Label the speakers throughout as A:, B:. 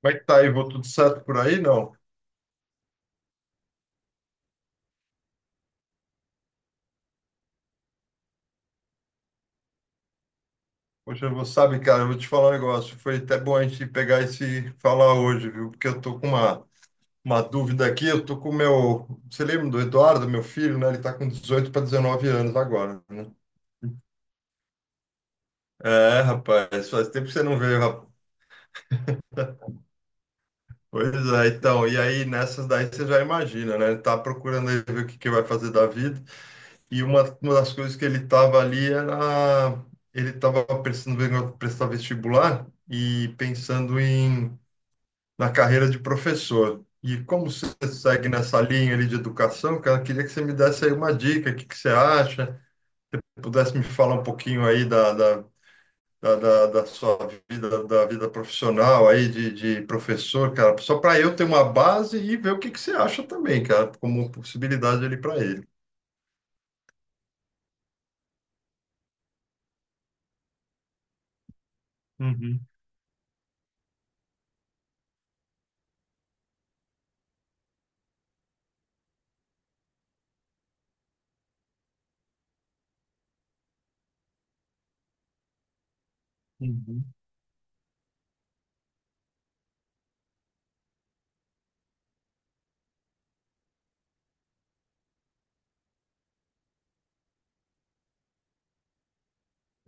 A: Como é que tá aí? Vou tudo certo por aí? Não. Poxa, eu vou te falar um negócio. Foi até bom a gente pegar esse falar hoje, viu? Porque eu tô com uma dúvida aqui. Eu tô com o meu. Você lembra do Eduardo, meu filho, né? Ele tá com 18 para 19 anos agora, né? É, rapaz, faz tempo que você não veio, rapaz. Pois é, então. E aí, nessas daí você já imagina, né? Ele tá procurando aí ver o que que vai fazer da vida. E uma das coisas que ele estava ali era. Ele estava precisando vendo prestar vestibular e pensando na carreira de professor. E como você segue nessa linha ali de educação, cara, eu queria que você me desse aí uma dica, o que que você acha, pudesse me falar um pouquinho aí da sua vida, da vida profissional aí de professor, cara, só para eu ter uma base e ver o que que você acha também, cara, como possibilidade ali para ele. Uhum, uhum.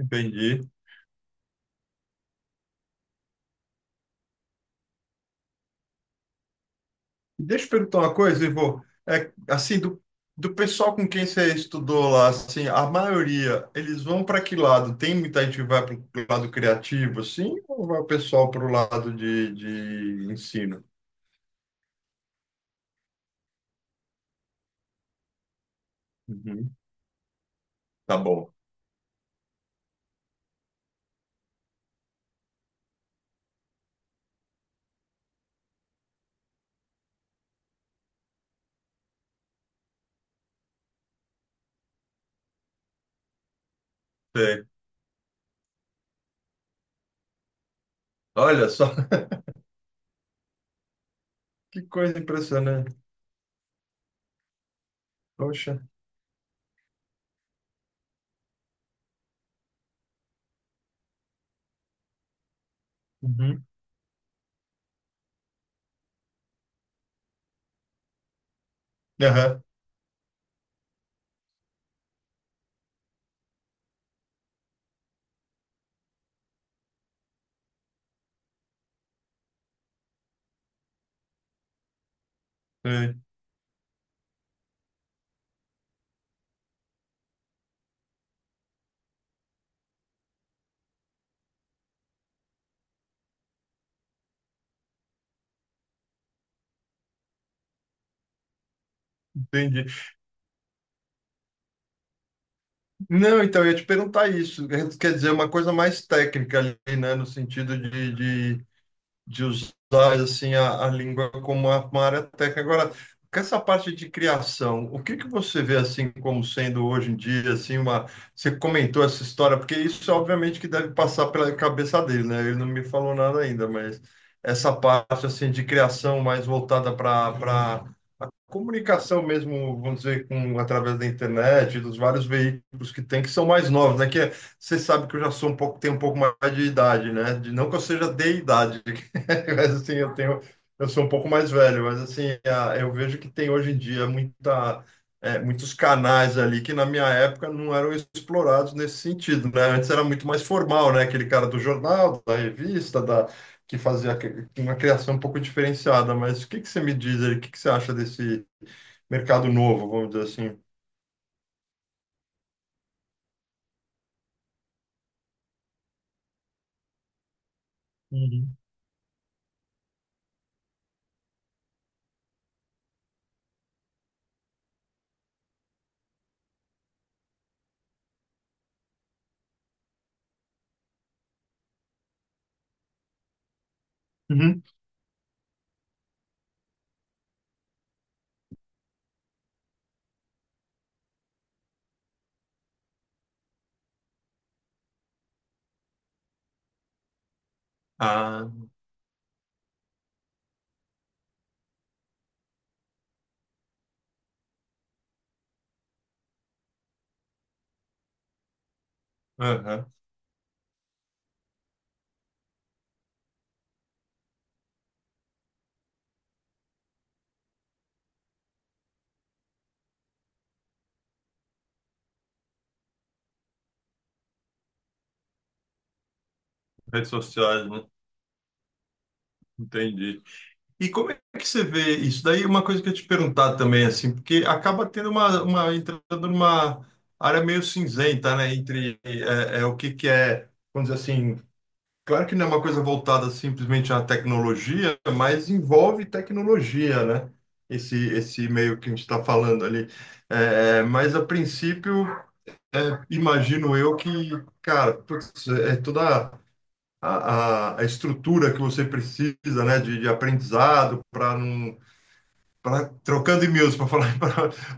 A: Entendi. Deixa eu perguntar uma coisa, Ivo. É, assim, do pessoal com quem você estudou lá, assim, a maioria, eles vão para que lado? Tem muita gente que vai para o lado criativo, assim, ou vai o pessoal para o lado de ensino? Uhum. Tá bom. Sei. Olha só, que coisa impressionante. Poxa. Uhum. Aham. Sei. Entendi. Não, então, eu ia te perguntar isso. Quer dizer, uma coisa mais técnica ali, né? No sentido de usar assim a língua como uma área técnica. Agora, com essa parte de criação, o que que você vê assim como sendo hoje em dia assim uma você comentou essa história, porque isso obviamente que deve passar pela cabeça dele, né? Ele não me falou nada ainda, mas essa parte assim de criação mais voltada para comunicação mesmo, vamos dizer, com, através da internet, dos vários veículos que tem, que são mais novos, né? Que é- você sabe que eu já sou um pouco, tenho um pouco mais de idade, né? De, não que eu seja de idade, mas assim, eu tenho, eu sou um pouco mais velho, mas assim, a- eu vejo que tem hoje em dia muita, muitos canais ali que na minha época não eram explorados nesse sentido, né? Antes era muito mais formal, né? Aquele cara do jornal, da revista, da, que fazia que- uma criação um pouco diferenciada, mas o que que você me diz aí? O que que você acha desse mercado novo, vamos dizer assim. Uhum. Uhum. Ah, aham. Redes sociais, né? Entendi. E como é que você vê isso? Daí é uma coisa que eu ia te perguntar também, assim, porque acaba tendo uma entrando numa área meio cinzenta, né? Entre o que que é, vamos dizer assim, claro que não é uma coisa voltada simplesmente à tecnologia, mas envolve tecnologia, né? Esse meio que a gente está falando ali. É, mas a princípio é, imagino eu que, cara, putz, é toda a estrutura que você precisa, né, de aprendizado para não para trocando e-mails para falar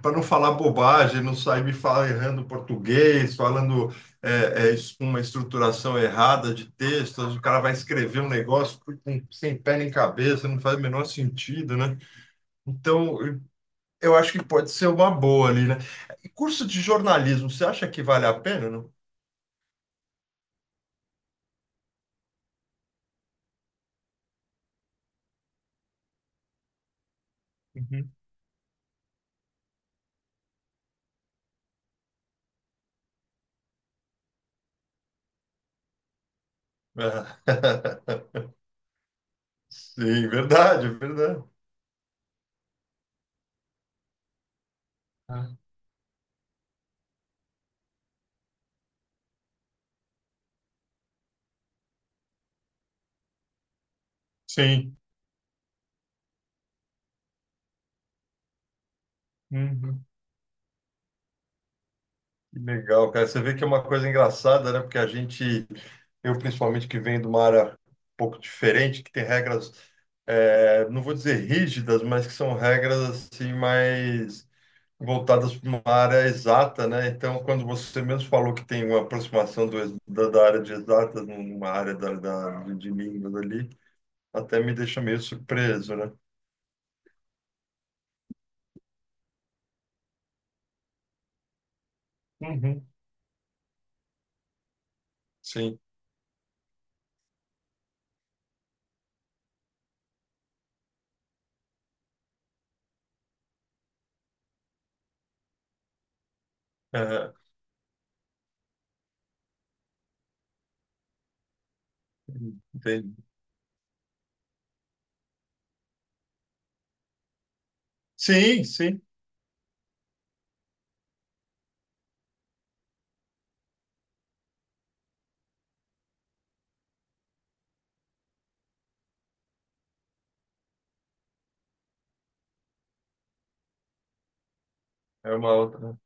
A: para não falar bobagem, não sair me falar errando português, falando uma estruturação errada de texto, o cara vai escrever um negócio com- sem pé nem cabeça, não faz o menor sentido, né? Então, eu acho que pode ser uma boa ali, né? E curso de jornalismo, você acha que vale a pena, não? Ah, sim, verdade, verdade. Ah, sim. Uhum. Que legal, cara. Você vê que é uma coisa engraçada, né? Porque a gente, eu principalmente que venho de uma área um pouco diferente, que tem regras, não vou dizer rígidas, mas que são regras assim mais voltadas para uma área exata, né? Então, quando você mesmo falou que tem uma aproximação do, ex- da área de exatas numa área da de línguas ali, até me deixa meio surpreso, né? Uhum. Sim. Aham, entendi. Sim, sim. É uma outra.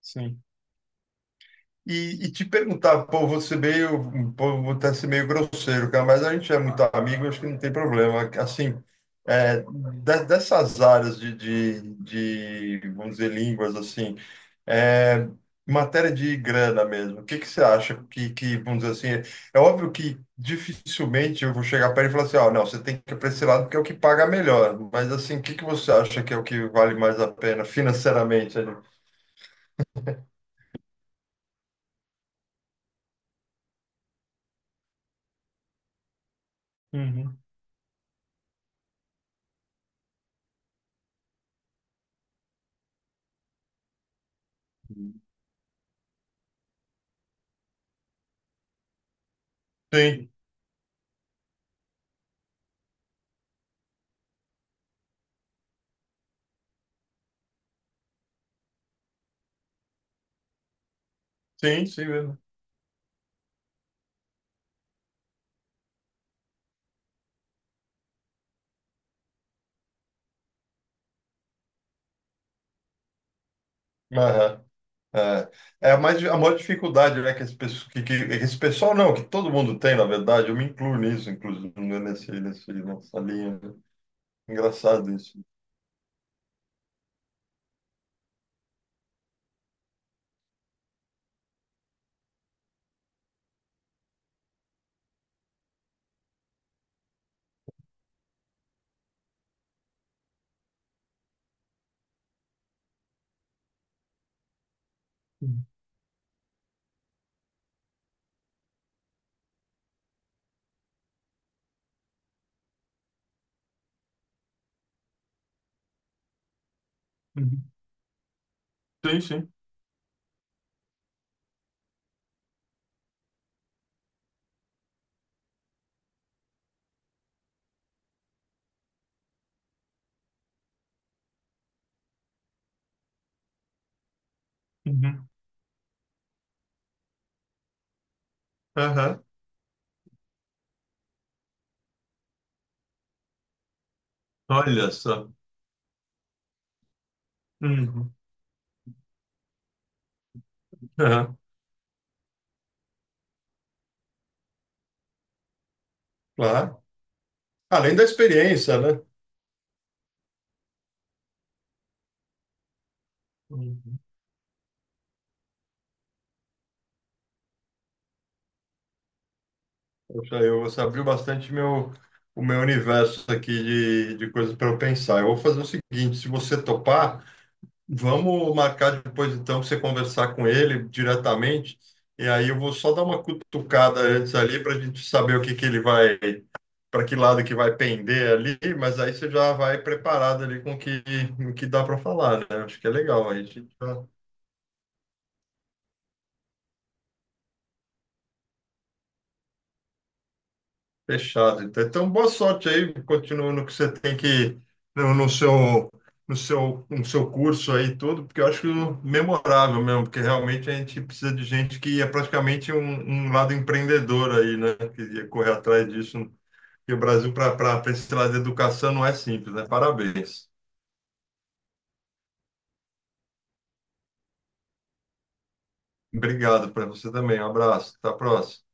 A: Sim. E te perguntar, pô, você meio, pô, vou até ser meio grosseiro, cara, mas a gente é muito amigo, acho que não tem problema. Assim, é, de- dessas áreas de vamos dizer, línguas, assim, é, em matéria de grana mesmo, o que que você acha que vamos dizer assim, é óbvio que dificilmente eu vou chegar perto e falar assim, ó, não, você tem que ir para esse lado porque é o que paga melhor, mas assim, o que que você acha que é o que vale mais a pena financeiramente ali? Uhum. Sim, sim, sim mesmo. Aham, é, é mais, a maior dificuldade, né, que esse, pesso- que esse pessoal não, que todo mundo tem, na verdade, eu me incluo nisso, inclusive, né, nessa linha. Né? Engraçado isso. Uhum. Sim, sim. Uhum. Aham. Olha só. Uhum. Aham. Claro. Além da experiência, né? Uhum. Poxa, eu, você abriu bastante meu, o meu universo aqui de coisas para eu pensar. Eu vou fazer o seguinte, se você topar, vamos marcar depois, então, para você conversar com ele diretamente. E aí eu vou só dar uma cutucada antes ali para a gente saber o que que ele vai, para que lado que vai pender ali. Mas aí você já vai preparado ali com o que dá para falar, né? Acho que é legal. Aí a gente já fechado. Então, então, boa sorte aí. Continua no que você tem que no, no seu no seu curso aí e tudo, porque eu acho memorável mesmo, porque realmente a gente precisa de gente que é praticamente um, um lado empreendedor aí, né? Que ia correr atrás disso. E o Brasil para esse lado de educação não é simples, né? Parabéns. Obrigado para você também. Um abraço. Até a próxima.